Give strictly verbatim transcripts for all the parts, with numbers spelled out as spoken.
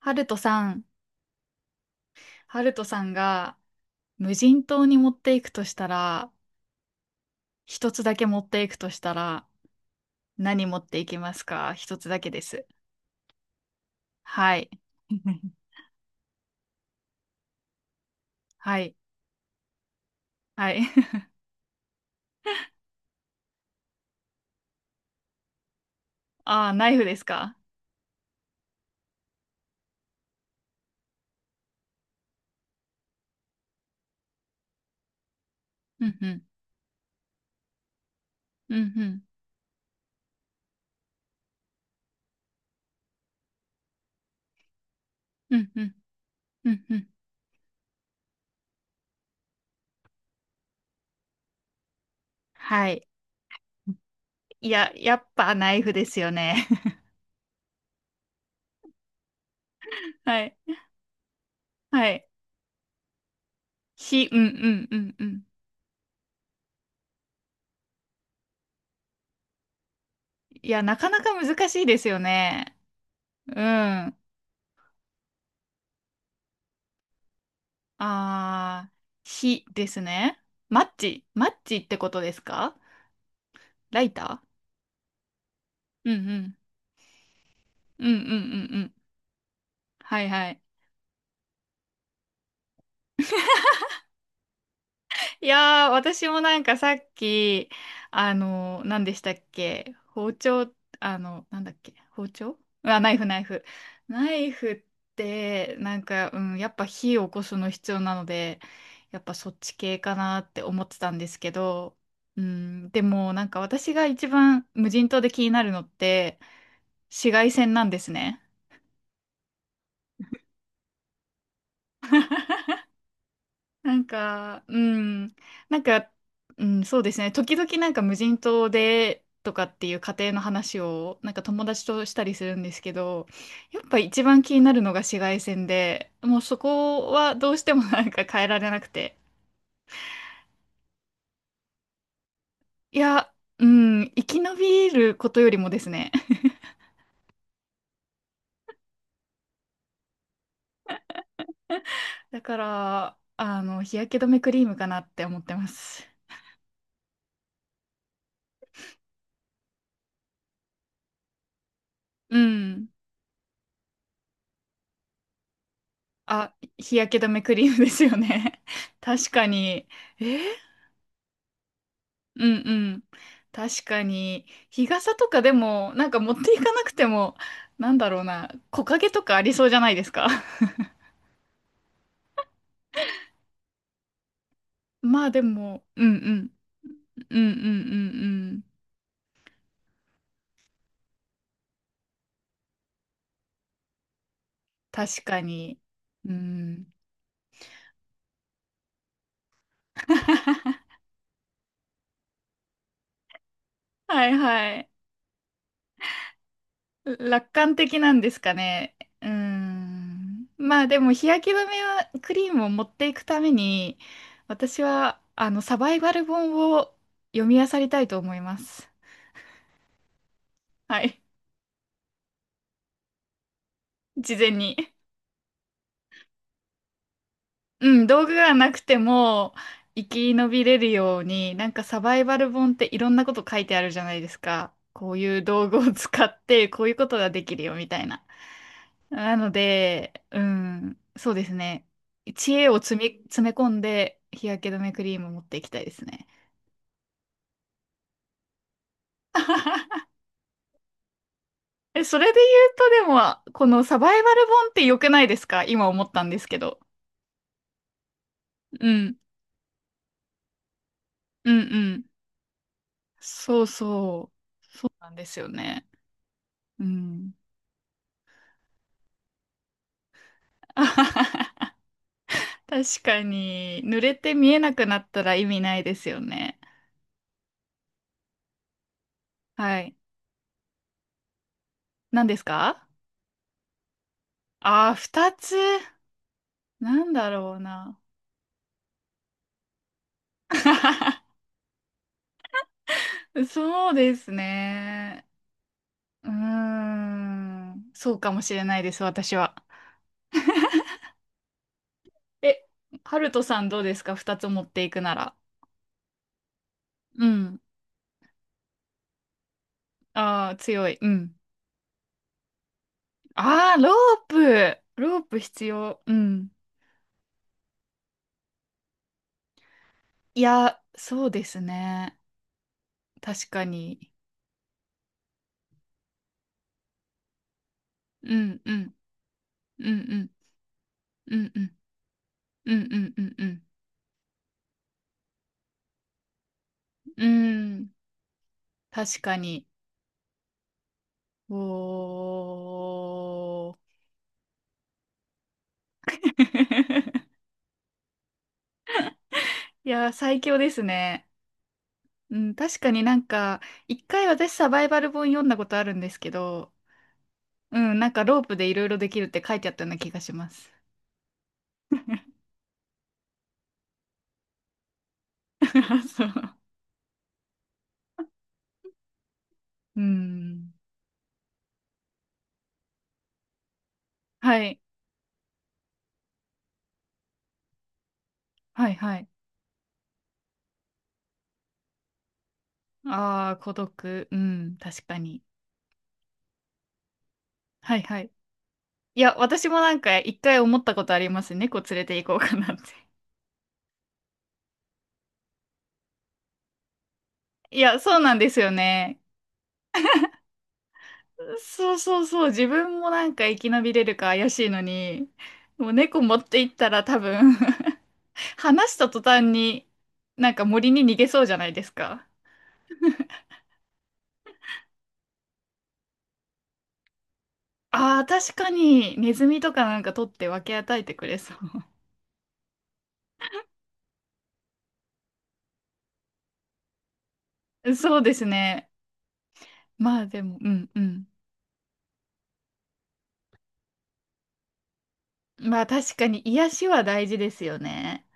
ハルトさん、ハルトさんが無人島に持っていくとしたら、一つだけ持っていくとしたら、何持っていきますか？一つだけです。はい。はい。はい。ああ、ナイフですか？うんうん。うんうん。うんうん。うんうん。はい。いや、やっぱナイフですよね。はい。はい。ひ、うんうんうんうん。いや、なかなか難しいですよね。うん。あー、火ですね。マッチ、マッチってことですか？ライター、うんうん。うんうんうんうん。はいはい。いやー、私もなんかさっき、あのー、何でしたっけ？包丁。あの、なんだっけ？包丁。あ、ナイフナイフ。ナイフって、なんか、うん、やっぱ火を起こすの必要なので、やっぱそっち系かなって思ってたんですけど、うん、でもなんか私が一番無人島で気になるのって、紫外線なんですね。なんか、うん、なんか、うん、そうですね。時々なんか無人島でとかっていう家庭の話をなんか友達としたりするんですけど、やっぱ一番気になるのが紫外線で、もうそこはどうしてもなんか変えられなくて。いや、うん、生き延びることよりもですね。だから、あの、日焼け止めクリームかなって思ってます。うん。あ、日焼け止めクリームですよね。確かに。えーうんうん。確かに。日傘とかでも、なんか持っていかなくても、なんだろうな、木陰とかありそうじゃないですか。まあでも、うんうん。うんうんうんうん。確かに。うん。はいはい。楽観的なんですかね。うーん。まあでも日焼け止めはクリームを持っていくために、私はあのサバイバル本を読み漁りたいと思います。はい。事前に。うん、道具がなくても生き延びれるように、なんかサバイバル本っていろんなこと書いてあるじゃないですか。こういう道具を使ってこういうことができるよみたいな。なので、うん、そうですね。知恵を詰め、詰め込んで日焼け止めクリームを持っていきたいですね。え、それで言うとでも、このサバイバル本って良くないですか？今思ったんですけど。うん、うん、うん。そうそう。そうなんですよね。うん。確かに、濡れて見えなくなったら意味ないですよね。はい。何ですか？ああー、二つ。なんだろうな。そうですね。うーん。そうかもしれないです、私は。え、ハルトさんどうですか？二つ持っていくなら。うん。ああ、強い。うん。ああ、ロープ。ロープ必要。うん。いや、そうですね。確かに。うん、うん、うん、うん、うん、うん、うん、うん、うん、うん。うん、確かに。おー。いや、最強ですね。うん、確かになんか、一回私サバイバル本読んだことあるんですけど、うん、なんかロープでいろいろできるって書いてあったような気がします。そう。うん。はい。はいはい。ああ、孤独。うん、確かに。はいはい。いや、私もなんか一回思ったことあります。猫連れて行こうかなって。いや、そうなんですよね。そうそうそう。自分もなんか生き延びれるか怪しいのに、もう猫持って行ったら多分 話した途端になんか森に逃げそうじゃないですか。ああ、確かにネズミとかなんか取って分け与えてくれそう。そうですね。まあでも、うんうん。まあ確かに癒しは大事ですよね。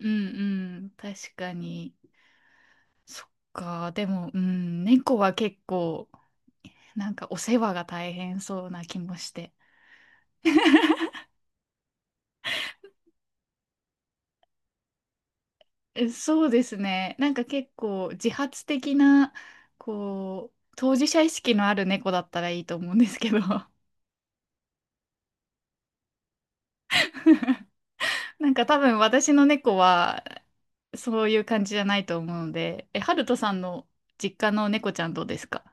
うんうん。確かに。そっか。でも、うん。猫は結構なんかお世話が大変そうな気もして。え、そうですね。なんか結構自発的な、こう、当事者意識のある猫だったらいいと思うんですけど。なんか多分私の猫はそういう感じじゃないと思うので、え、ハルトさんの実家の猫ちゃんどうですか？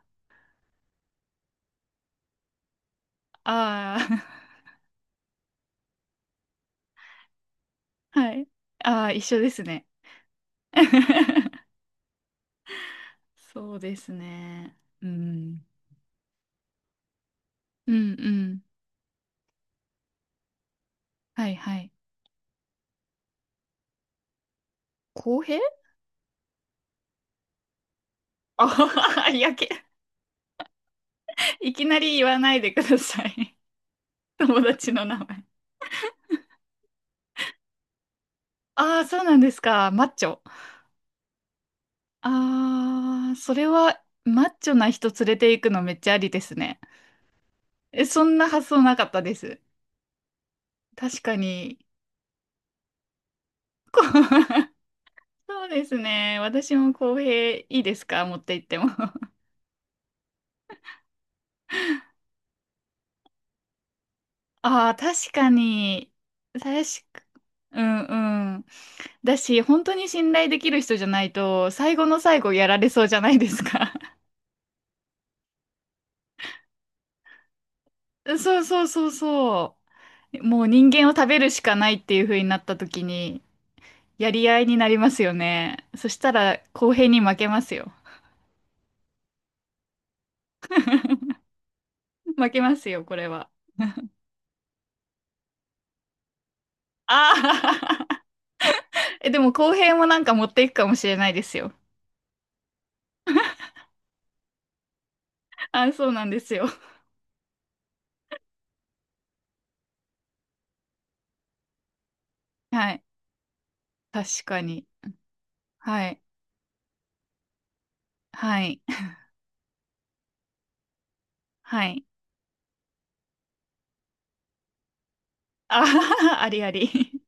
ああー、はい。ああ、一緒ですね。そうですね。うん。うんうん。はいはい。公平。あはは、いやけ、いきなり言わないでください。友達の名前。ああ、そうなんですか。マッチョ。ああ、それはマッチョな人連れて行くのめっちゃありですね。え、そんな発想なかったです。確かに。こ そうですね。私も公平いいですか？持って行っても。ああ、確かに。確か、うんうん。だし、本当に信頼できる人じゃないと、最後の最後やられそうじゃないですか。そうそうそうそう。もう人間を食べるしかないっていう風になった時に、やり合いになりますよね。そしたら公平に負けますよ。負けますよ、これは。ああえ、でも後編もなんか持っていくかもしれないですよ。あ、そうなんですよ。はい。確かに。はい。はい。はい。あははありあり。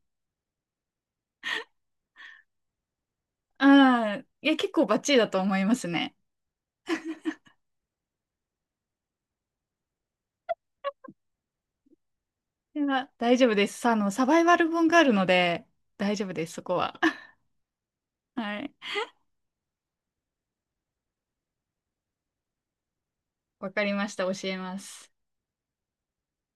あん。いや、結構バッチリだと思いますね。いや、大丈夫です。あの、サバイバル本があるので、大丈夫です、そこは。はい。わかりました。教えます。